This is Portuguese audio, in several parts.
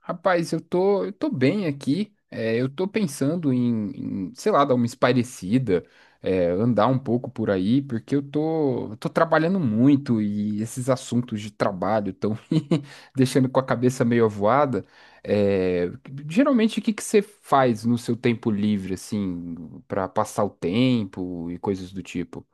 Rapaz, eu tô bem aqui. Eu tô pensando em, sei lá, dar uma espairecida, andar um pouco por aí, porque eu tô trabalhando muito e esses assuntos de trabalho estão me deixando com a cabeça meio avoada. É, Geralmente, o que que você faz no seu tempo livre, assim, pra passar o tempo e coisas do tipo?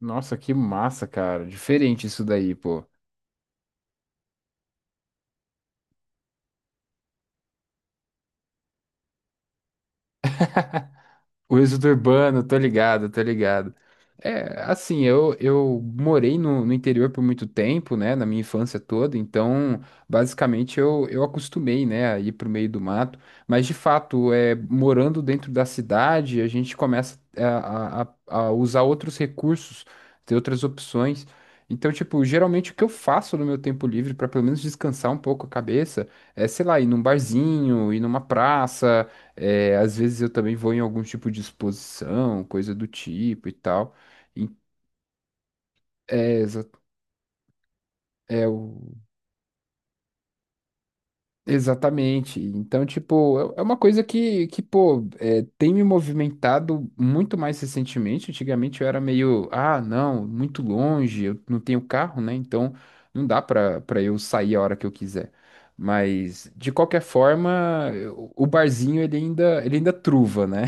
Nossa, que massa, cara. Diferente isso daí, pô. O êxodo urbano, tô ligado, tô ligado. É, assim, eu morei no interior por muito tempo, né, na minha infância toda, então, basicamente, eu acostumei, né, a ir pro meio do mato, mas, de fato, é, morando dentro da cidade, a gente começa a usar outros recursos, ter outras opções, então, tipo, geralmente o que eu faço no meu tempo livre, para pelo menos descansar um pouco a cabeça, é, sei lá, ir num barzinho, ir numa praça, é, às vezes eu também vou em algum tipo de exposição, coisa do tipo e tal. E- É, exa- é o... Exatamente. Então, tipo, é uma coisa que pô, é, tem me movimentado muito mais recentemente. Antigamente eu era meio, ah, não, muito longe, eu não tenho carro, né? Então não dá pra eu sair a hora que eu quiser. Mas, de qualquer forma, o barzinho ele ainda truva, né?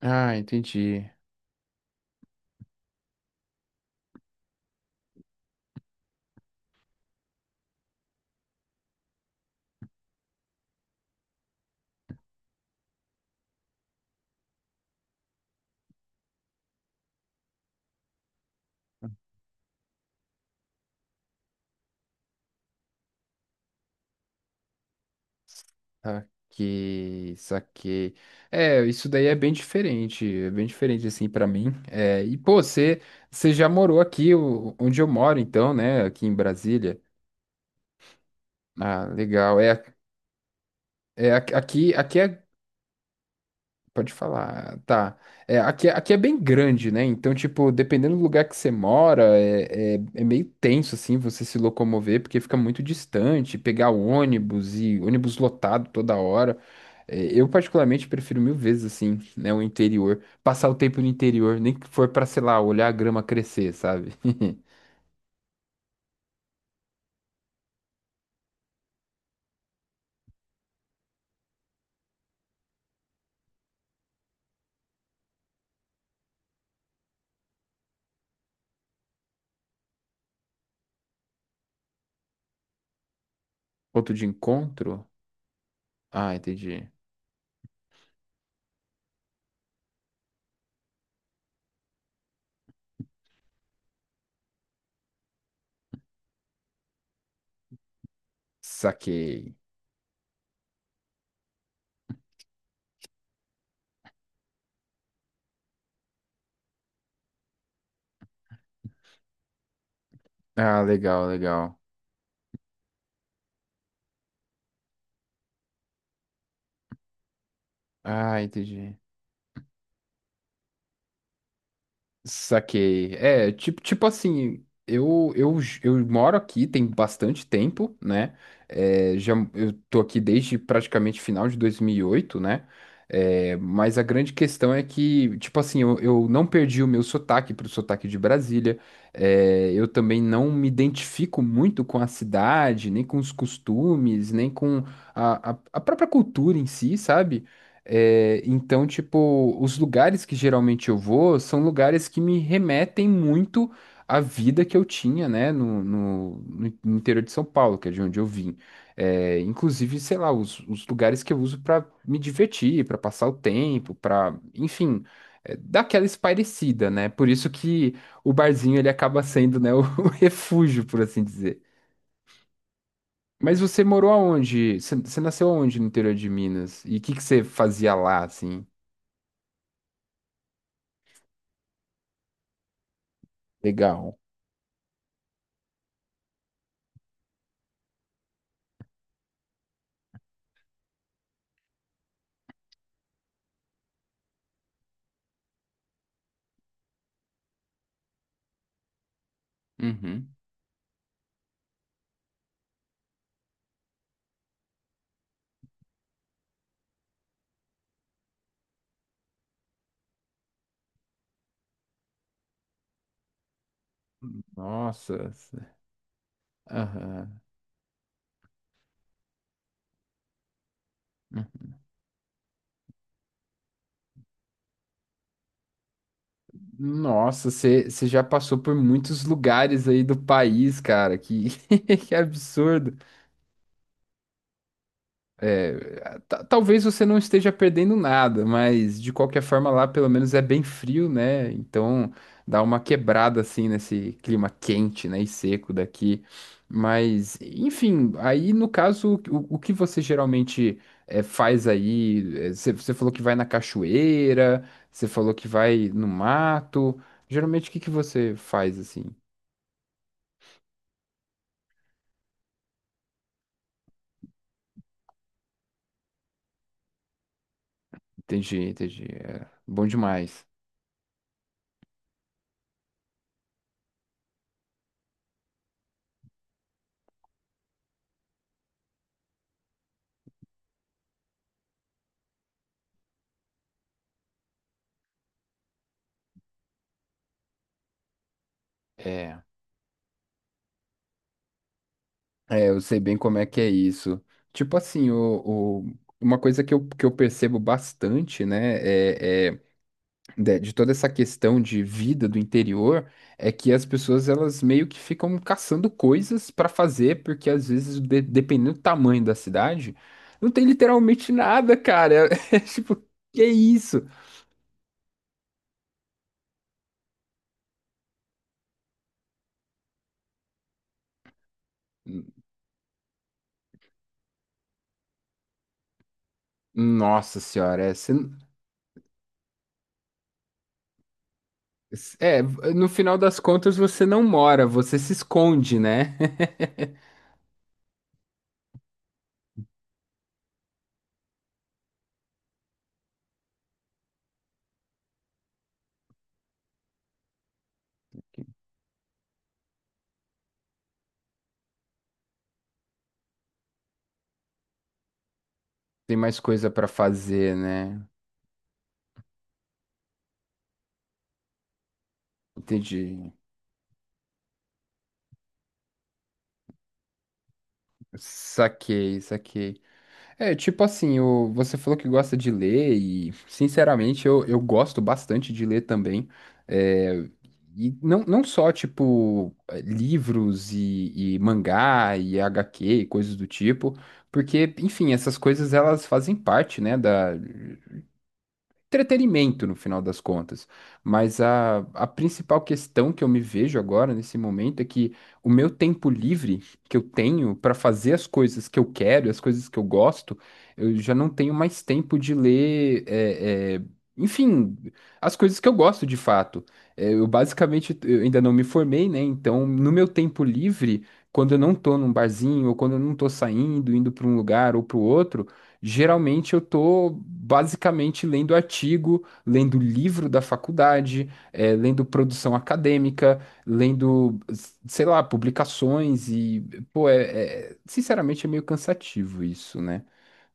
Ah, entendi. Saquei, saquei. É, isso daí é bem diferente assim pra mim. Você já morou aqui onde eu moro então, né, aqui em Brasília? Ah, legal. É, é aqui, aqui aqui é Pode falar, tá. É, aqui, é, aqui é bem grande, né? Então, tipo, dependendo do lugar que você mora, é meio tenso, assim, você se locomover, porque fica muito distante, pegar ônibus e ônibus lotado toda hora. É, eu, particularmente, prefiro mil vezes, assim, né, o interior. Passar o tempo no interior, nem que for pra, sei lá, olhar a grama crescer, sabe? Ponto de encontro? Ah, entendi. Saquei. Ah, legal, legal. Ah, entendi. Saquei. É, tipo, tipo assim, eu moro aqui tem bastante tempo, né? É, já, eu tô aqui desde praticamente final de 2008, né? É, mas a grande questão é que, tipo assim, eu não perdi o meu sotaque pro sotaque de Brasília. É, eu também não me identifico muito com a cidade, nem com os costumes, nem com a própria cultura em si, sabe? É, então, tipo, os lugares que geralmente eu vou são lugares que me remetem muito à vida que eu tinha, né, no interior de São Paulo, que é de onde eu vim. É, inclusive, sei lá, os lugares que eu uso para me divertir, para passar o tempo, para, enfim, é, dar aquela espairecida, né? Por isso que o barzinho ele acaba sendo, né, o refúgio, por assim dizer. Mas você morou aonde? Você nasceu aonde no interior de Minas? E o que que você fazia lá, assim? Legal. Uhum. Nossa. c- Aham. Uhum. Nossa, você já passou por muitos lugares aí do país, cara. Que, que absurdo. Talvez você não esteja perdendo nada, mas de qualquer forma lá pelo menos é bem frio, né? Então dá uma quebrada assim nesse clima quente, né, e seco daqui. Mas, enfim, aí no caso, o que você geralmente faz aí? Você falou que vai na cachoeira, você falou que vai no mato. Geralmente o que que você faz assim? Entendi, entendi. É, bom demais. É, É, eu sei bem como é que é isso. Tipo assim, uma coisa que eu percebo bastante, né, é de toda essa questão de vida do interior, é que as pessoas elas meio que ficam caçando coisas pra fazer, porque às vezes, dependendo do tamanho da cidade, não tem literalmente nada, cara. É, tipo, que isso? Nossa senhora, é, no final das contas você não mora, você se esconde, né? Tem mais coisa pra fazer, né? Entendi. Saquei, saquei. É, tipo assim, você falou que gosta de ler e, sinceramente, eu gosto bastante de ler também. É, e não só, tipo, eh, livros e mangá e HQ e coisas do tipo, porque, enfim, essas coisas elas fazem parte, né, da, entretenimento no final das contas. Mas a principal questão que eu me vejo agora, nesse momento, é que o meu tempo livre que eu tenho para fazer as coisas que eu quero, as coisas que eu gosto, eu já não tenho mais tempo de ler, enfim, as coisas que eu gosto de fato. Eu basicamente eu ainda não me formei, né? Então, no meu tempo livre, quando eu não tô num barzinho, ou quando eu não tô saindo, indo para um lugar ou para o outro, geralmente eu tô basicamente lendo artigo, lendo livro da faculdade, lendo produção acadêmica, lendo, sei lá, publicações e, pô, sinceramente é meio cansativo isso, né?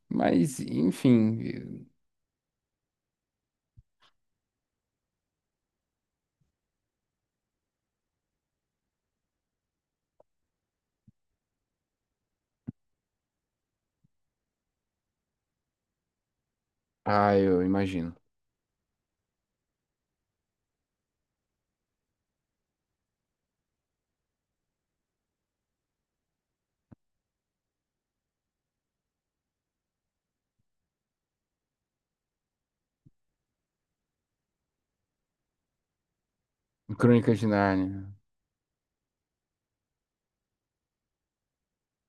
Mas, enfim, ah, eu imagino. Crônicas de Nárnia.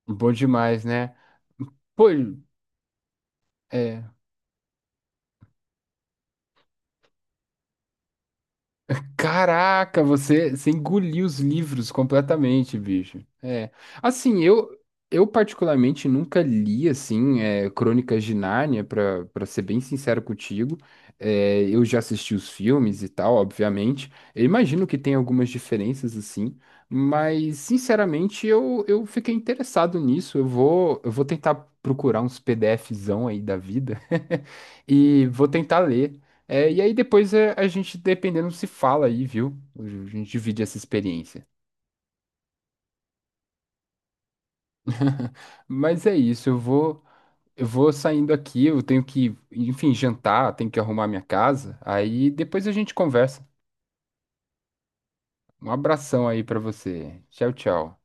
Bom demais, né? Pô, é. Caraca, você engoliu os livros completamente, bicho. É. Assim, eu particularmente nunca li assim é, Crônicas de Nárnia, para ser bem sincero contigo. É, eu já assisti os filmes e tal, obviamente. Eu imagino que tem algumas diferenças assim, mas sinceramente eu fiquei interessado nisso. Eu vou tentar procurar uns PDFzão aí da vida e vou tentar ler. É, e aí depois é, a gente, dependendo, se fala aí, viu? A gente divide essa experiência. Mas é isso, eu vou saindo aqui, eu tenho que, enfim, jantar, tenho que arrumar minha casa. Aí depois a gente conversa. Um abração aí pra você. Tchau, tchau.